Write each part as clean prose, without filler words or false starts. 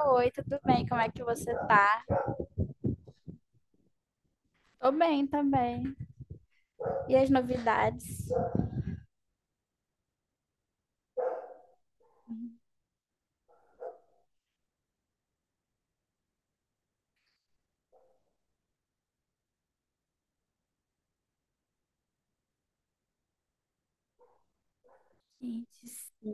Oi, tudo bem? Como é que você tá? Tô bem também. E as novidades? Gente,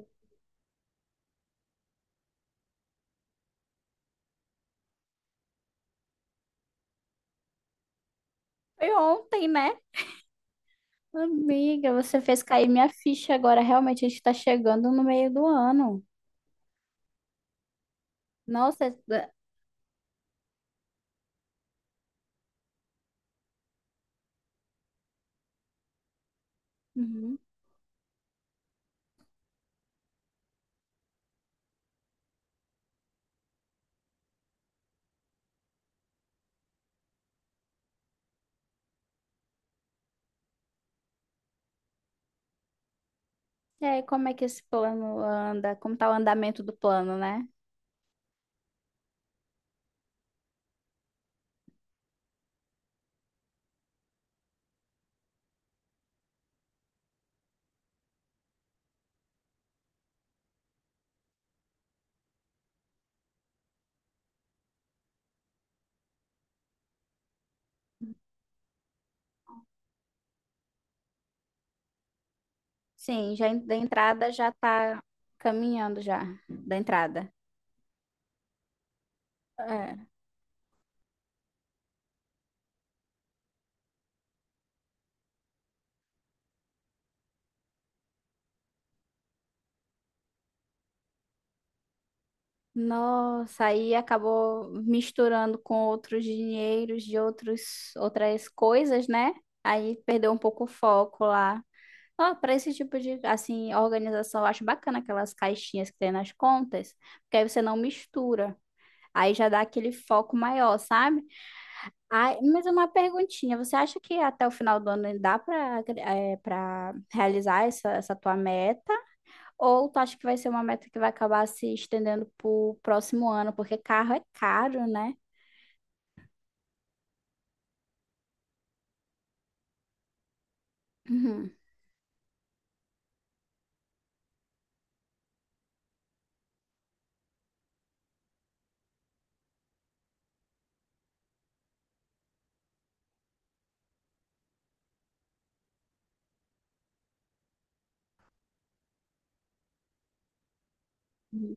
foi ontem, né? Amiga, você fez cair minha ficha agora. Realmente, a gente tá chegando no meio do ano. Nossa, é- uhum. E aí, como é que esse plano anda? Como tá o andamento do plano, né? Sim, da entrada já tá caminhando já, da entrada. É. Nossa, aí acabou misturando com outros dinheiros de outras coisas, né? Aí perdeu um pouco o foco lá. Ó, para esse tipo de assim, organização, eu acho bacana aquelas caixinhas que tem nas contas, porque aí você não mistura. Aí já dá aquele foco maior, sabe? Ai, mas uma perguntinha, você acha que até o final do ano dá para realizar essa tua meta? Ou tu acha que vai ser uma meta que vai acabar se estendendo pro próximo ano, porque carro é caro, né? Uhum, uhum.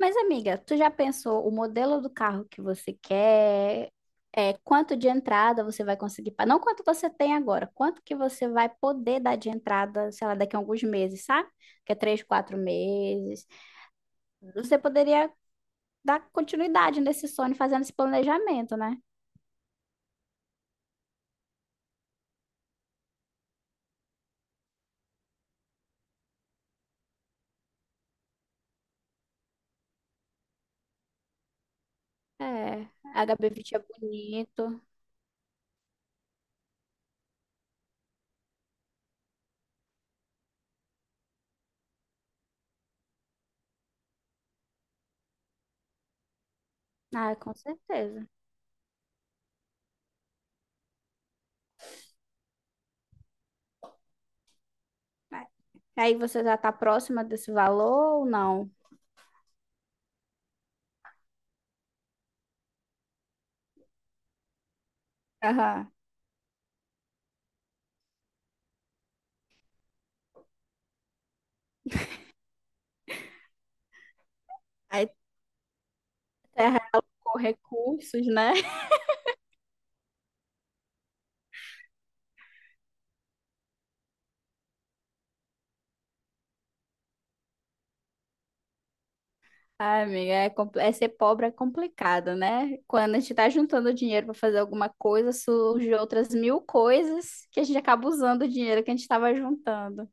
Mas, amiga, tu já pensou o modelo do carro que você quer? É, quanto de entrada você vai conseguir? Não quanto você tem agora, quanto que você vai poder dar de entrada, sei lá, daqui a alguns meses, sabe? Que é três, quatro meses. Você poderia dar continuidade nesse sonho, fazendo esse planejamento, né? É, a HB20 é bonito. Ah, com certeza. Aí você já está próxima desse valor ou não? Aham. Aí você realocou recursos, né? Ai, amiga, é ser pobre é complicado, né? Quando a gente tá juntando dinheiro para fazer alguma coisa, surgem outras mil coisas que a gente acaba usando o dinheiro que a gente estava juntando.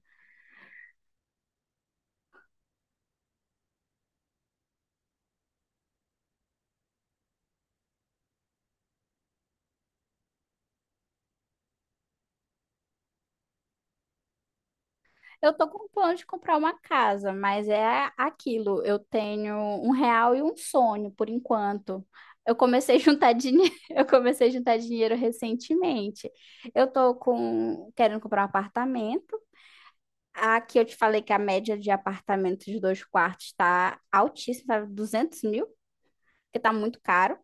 Eu tô com plano de comprar uma casa, mas é aquilo. Eu tenho um real e um sonho por enquanto. Eu comecei a juntar dinheiro, eu comecei a juntar dinheiro recentemente. Eu tô com querendo comprar um apartamento. Aqui eu te falei que a média de apartamentos de dois quartos está altíssima, tá 200 mil, que tá muito caro.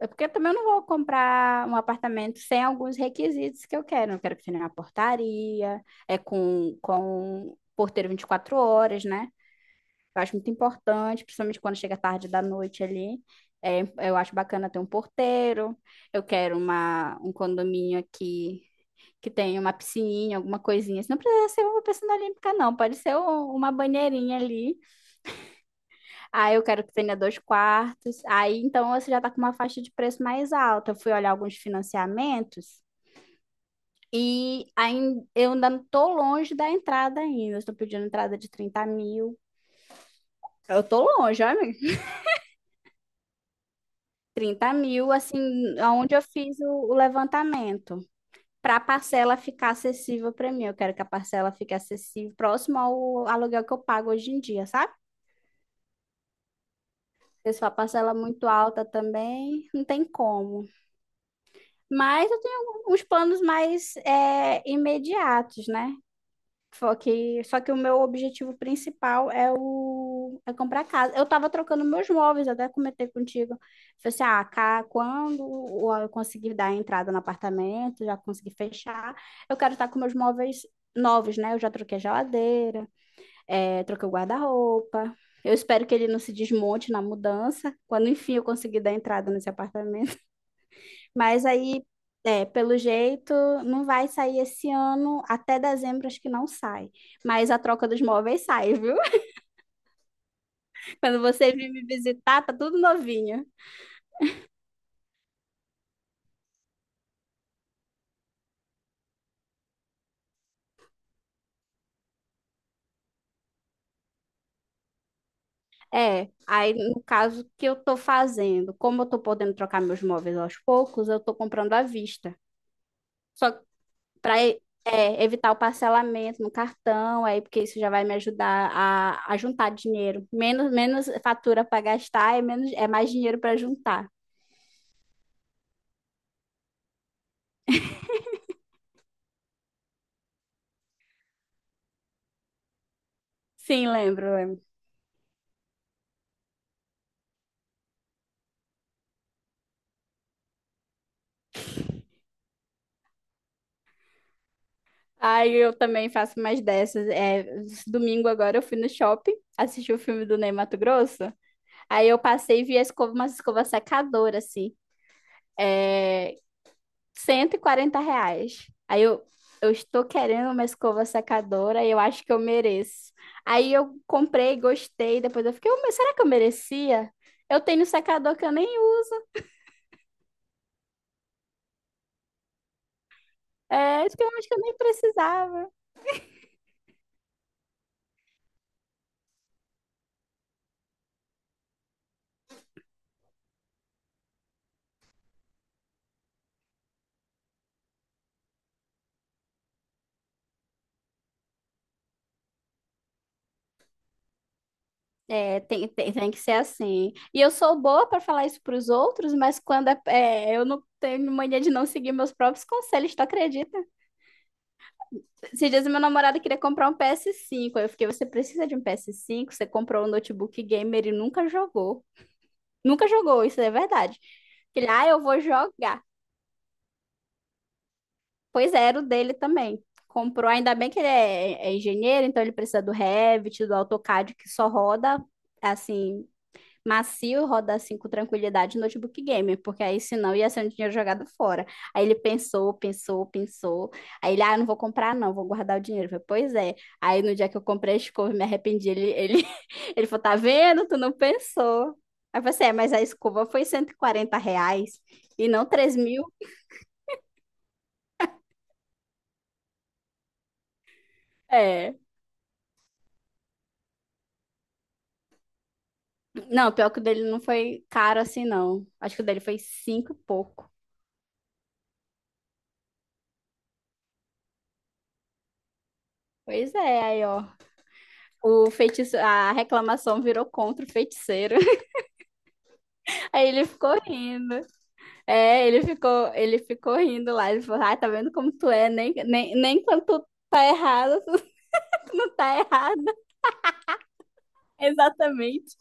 É porque eu também não vou comprar um apartamento sem alguns requisitos que eu quero. Eu quero que tenha uma portaria, é com porteiro 24 horas, né? Eu acho muito importante, principalmente quando chega tarde da noite ali. É, eu acho bacana ter um porteiro. Eu quero um condomínio aqui que tenha uma piscininha, alguma coisinha. Não precisa ser uma piscina olímpica, não. Pode ser uma banheirinha ali. Aí eu quero que tenha dois quartos. Aí então você já está com uma faixa de preço mais alta. Eu fui olhar alguns financiamentos e ainda, eu ainda estou longe da entrada ainda. Eu estou pedindo entrada de 30 mil. Eu estou longe, olha, amiga. 30 mil, assim, aonde eu fiz o levantamento. Para a parcela ficar acessível para mim. Eu quero que a parcela fique acessível, próximo ao aluguel que eu pago hoje em dia, sabe? Porque se for a parcela muito alta também, não tem como. Mas eu tenho uns planos mais é, imediatos, né? Só que o meu objetivo principal é o é comprar casa. Eu estava trocando meus móveis, até comentei contigo. Falei assim, ah, cá, quando eu conseguir dar entrada no apartamento, já conseguir fechar, eu quero estar com meus móveis novos, né? Eu já troquei a geladeira, é, troquei o guarda-roupa. Eu espero que ele não se desmonte na mudança, quando enfim eu conseguir dar entrada nesse apartamento. Mas aí, é, pelo jeito, não vai sair esse ano. Até dezembro acho que não sai. Mas a troca dos móveis sai, viu? Quando você vir me visitar, tá tudo novinho. É, aí no caso o que eu tô fazendo, como eu tô podendo trocar meus móveis aos poucos, eu tô comprando à vista. Só para evitar o parcelamento no cartão, aí porque isso já vai me ajudar a juntar dinheiro. Menos, menos fatura para gastar, é menos, é mais dinheiro para juntar. Sim, lembro. Ai, eu também faço mais dessas. É, domingo agora eu fui no shopping, assisti o filme do Ney Matogrosso. Aí eu passei e vi a escova, uma escova secadora, assim. É, 140 reais. Eu estou querendo uma escova secadora e eu acho que eu mereço. Aí eu comprei, gostei. Depois eu fiquei, "Oh, mas será que eu merecia? Eu tenho secador que eu nem uso. É, isso que eu acho que eu nem precisava. É, tem que ser assim. E eu sou boa para falar isso para os outros, mas quando é, eu não tenho mania de não seguir meus próprios conselhos, tu acredita? Esses dias meu namorado queria comprar um PS5. Aí eu fiquei, você precisa de um PS5? Você comprou um notebook gamer e nunca jogou. Nunca jogou, isso é verdade. Ah, eu vou jogar. Pois é, era o dele também. Comprou, ainda bem que é engenheiro, então ele precisa do Revit, do AutoCAD, que só roda, assim, macio, roda assim com tranquilidade no notebook game, porque aí senão ia ser um dinheiro jogado fora. Aí ele pensou. Aí ele, ah, não vou comprar não, vou guardar o dinheiro. Eu falei, pois é. Aí no dia que eu comprei a escova, eu me arrependi. Ele falou, tá vendo? Tu não pensou. Aí eu falei assim, é, mas a escova foi R$ 140 e não 3.000. É. Não, pior que o dele não foi caro assim, não. Acho que o dele foi cinco e pouco. Pois é, aí ó. A reclamação virou contra o feiticeiro. Aí ele ficou rindo. É, ele ficou rindo lá. Ele falou, ai, tá vendo como tu é? Nem quando tu tá errado tu não tá errada. Exatamente.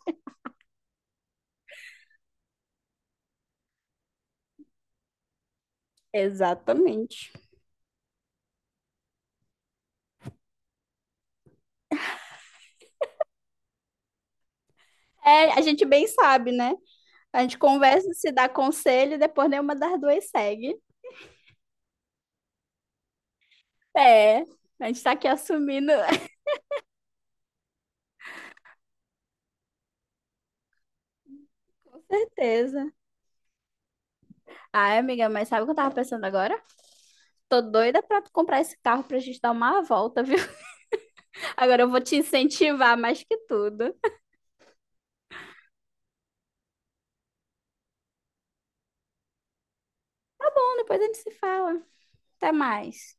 Exatamente. É, a gente bem sabe, né? A gente conversa, se dá conselho, e depois nenhuma das duas segue. É, a gente tá aqui assumindo. Com certeza. Ai, amiga, mas sabe o que eu tava pensando agora? Tô doida pra tu comprar esse carro pra gente dar uma volta, viu? Agora eu vou te incentivar mais que tudo. Bom, depois a gente se fala. Até mais.